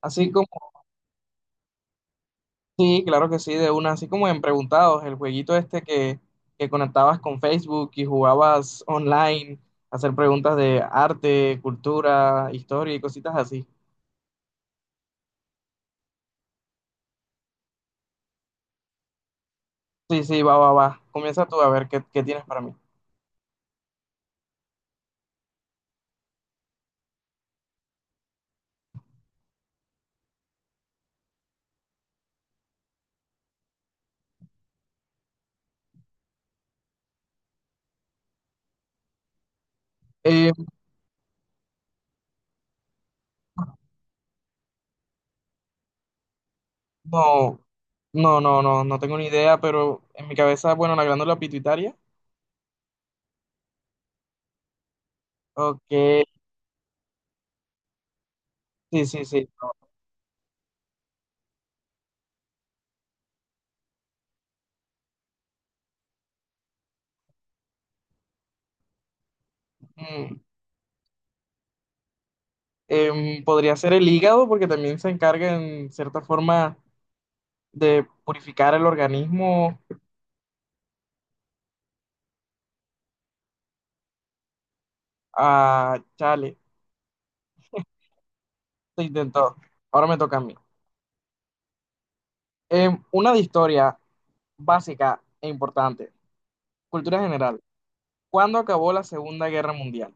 Así como, sí, claro que sí, de una, así como en Preguntados, el jueguito este que conectabas con Facebook y jugabas online, hacer preguntas de arte, cultura, historia y cositas así. Sí, sí, va, va, va. Comienza tú a ver qué tienes para mí. Eh, no, no, no, no, no tengo ni idea, pero en mi cabeza, bueno, la glándula pituitaria. Ok, sí, sí, sí. Mm, podría ser el hígado, porque también se encarga en cierta forma de purificar el organismo. Ah, chale, se intentó. Ahora me toca a mí. Una de historia básica e importante. Cultura general. ¿Cuándo acabó la Segunda Guerra Mundial?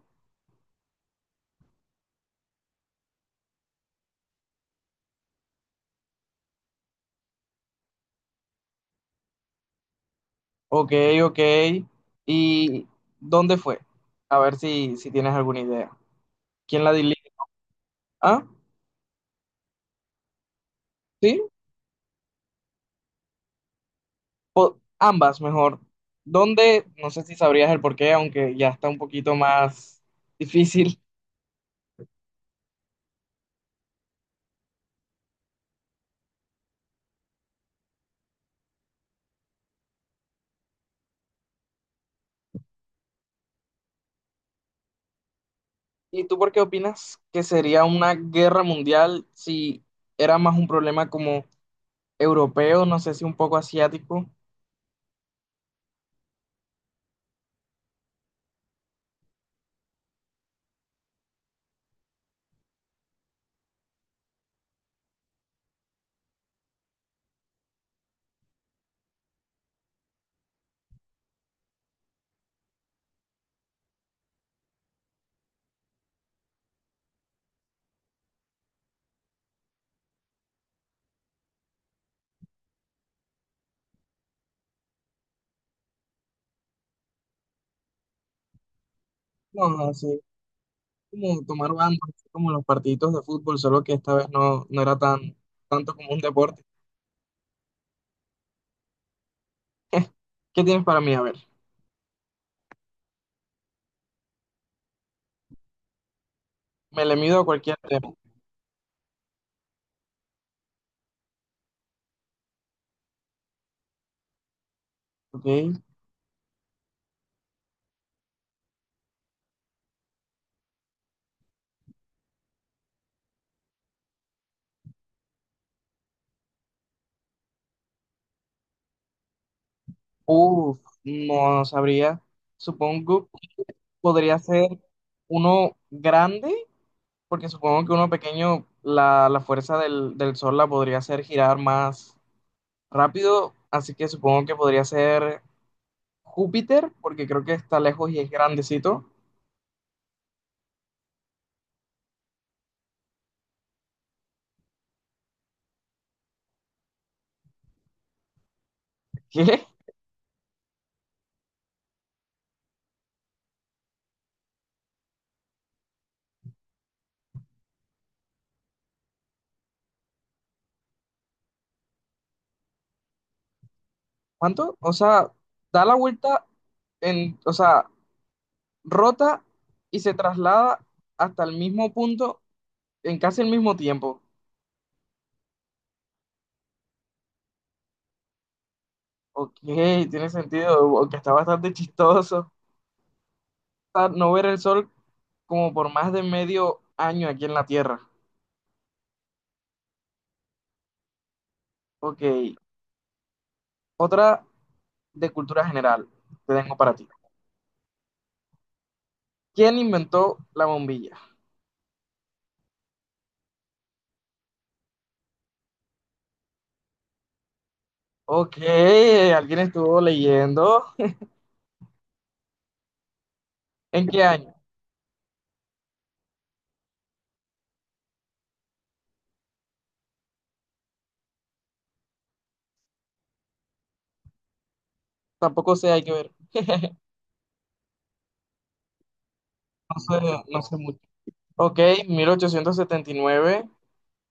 Ok, ok. ¿Y dónde fue? A ver si tienes alguna idea. ¿Quién la dirige? Ah, sí, ambas mejor. ¿Dónde? No sé si sabrías el porqué, aunque ya está un poquito más difícil. ¿Y tú por qué opinas que sería una guerra mundial si era más un problema como europeo, no sé si un poco asiático? No, así como tomar bandas, así como los partiditos de fútbol, solo que esta vez no, no era tan tanto como un deporte. ¿Qué tienes para mí? A ver, me le mido a cualquier tema, ¿ok? Uf, no sabría. Supongo que podría ser uno grande, porque supongo que uno pequeño, la fuerza del Sol la podría hacer girar más rápido, así que supongo que podría ser Júpiter, porque creo que está lejos y es grandecito. ¿Qué? ¿Cuánto? O sea, da la vuelta en, o sea, rota y se traslada hasta el mismo punto en casi el mismo tiempo. Ok, tiene sentido, que está bastante chistoso. O sea, no ver el sol como por más de medio año aquí en la Tierra. Ok, otra de cultura general te tengo para ti. ¿Quién inventó la bombilla? Ok, alguien estuvo leyendo. ¿En qué año? Tampoco sé, hay que ver. No sé, no sé. Ok, 1879,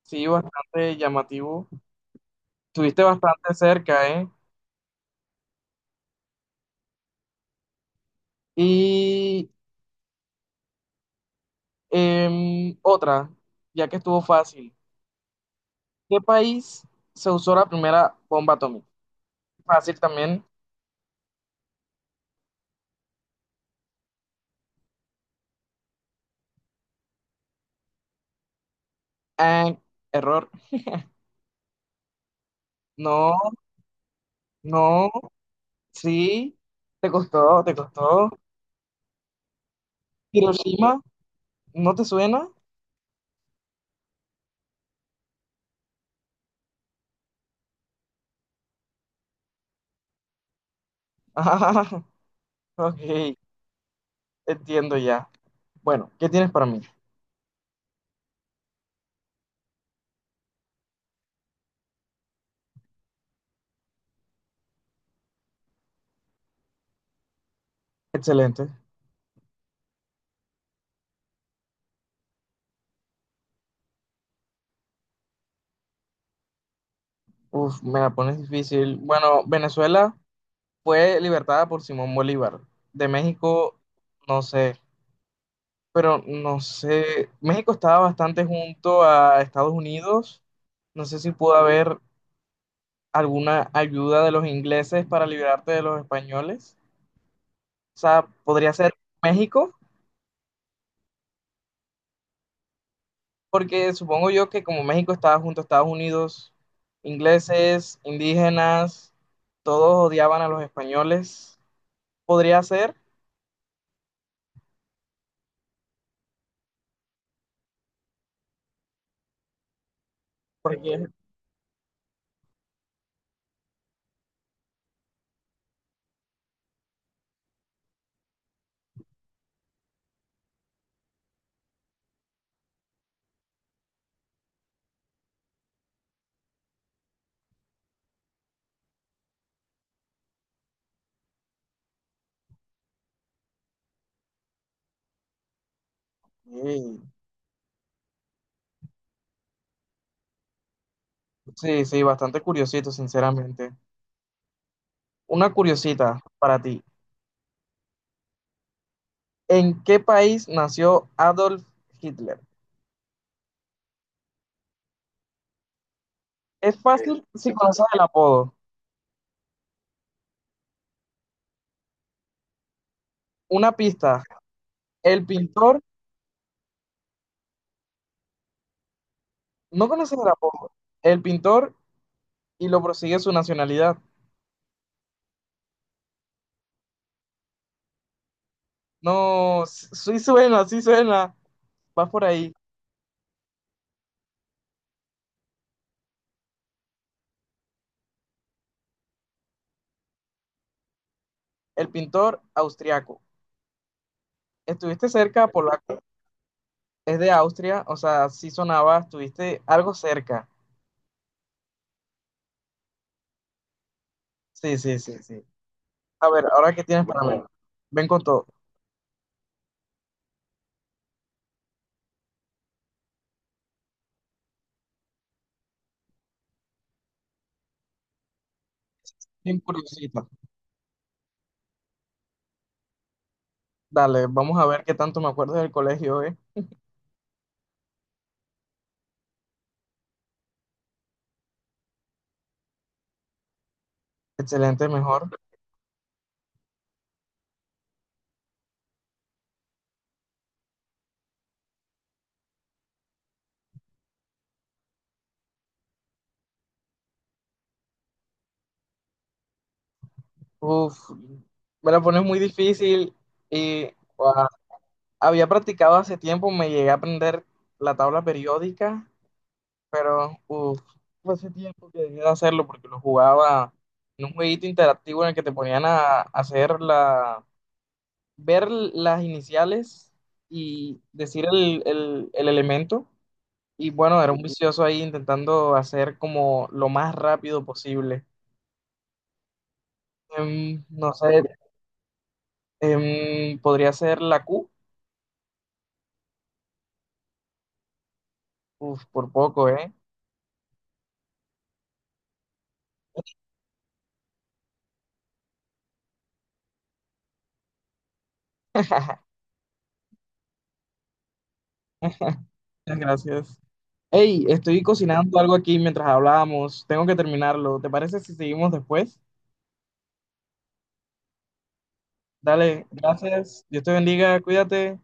sí, bastante llamativo. Estuviste bastante cerca, ¿eh? Y otra, ya que estuvo fácil. ¿Qué país se usó la primera bomba atómica? Fácil también. Ah, error. No, no, sí. Te costó, te costó. Hiroshima, ¿no te suena? Ah, ok, entiendo ya. Bueno, ¿qué tienes para mí? Excelente. Uf, me la pones difícil. Bueno, Venezuela fue libertada por Simón Bolívar. De México, no sé, pero no sé, México estaba bastante junto a Estados Unidos, no sé si pudo haber alguna ayuda de los ingleses para liberarte de los españoles. O sea, podría ser México, porque supongo yo que como México estaba junto a Estados Unidos, ingleses, indígenas, todos odiaban a los españoles. Podría ser, porque sí, sí, sí, bastante curiosito, sinceramente. Una curiosita para ti. ¿En qué país nació Adolf Hitler? Es fácil si conoces el apodo. Una pista. El pintor, no conoces el apodo. El pintor y lo prosigue su nacionalidad. No, sí suena, sí suena. Vas por ahí. El pintor austriaco. Estuviste cerca, polaco. Es de Austria, o sea, sí sonaba, estuviste algo cerca. Sí, sí, sí, sí. A ver, ahora qué tienes para mí. Ven con todo. Bien curiosita. Dale, vamos a ver qué tanto me acuerdo del colegio, ¿eh? Excelente, mejor. Uf, me la pones muy difícil y ah, había practicado hace tiempo, me llegué a aprender la tabla periódica, pero uf, fue hace tiempo que dejé de hacerlo porque lo jugaba en un jueguito interactivo en el que te ponían a hacer la, ver las iniciales y decir el elemento. Y bueno, era un vicioso ahí intentando hacer como lo más rápido posible. No sé, podría ser la Q. Uf, por poco, ¿eh? Muchas gracias. Hey, estoy cocinando algo aquí mientras hablábamos. Tengo que terminarlo. ¿Te parece si seguimos después? Dale, gracias. Dios te bendiga, cuídate.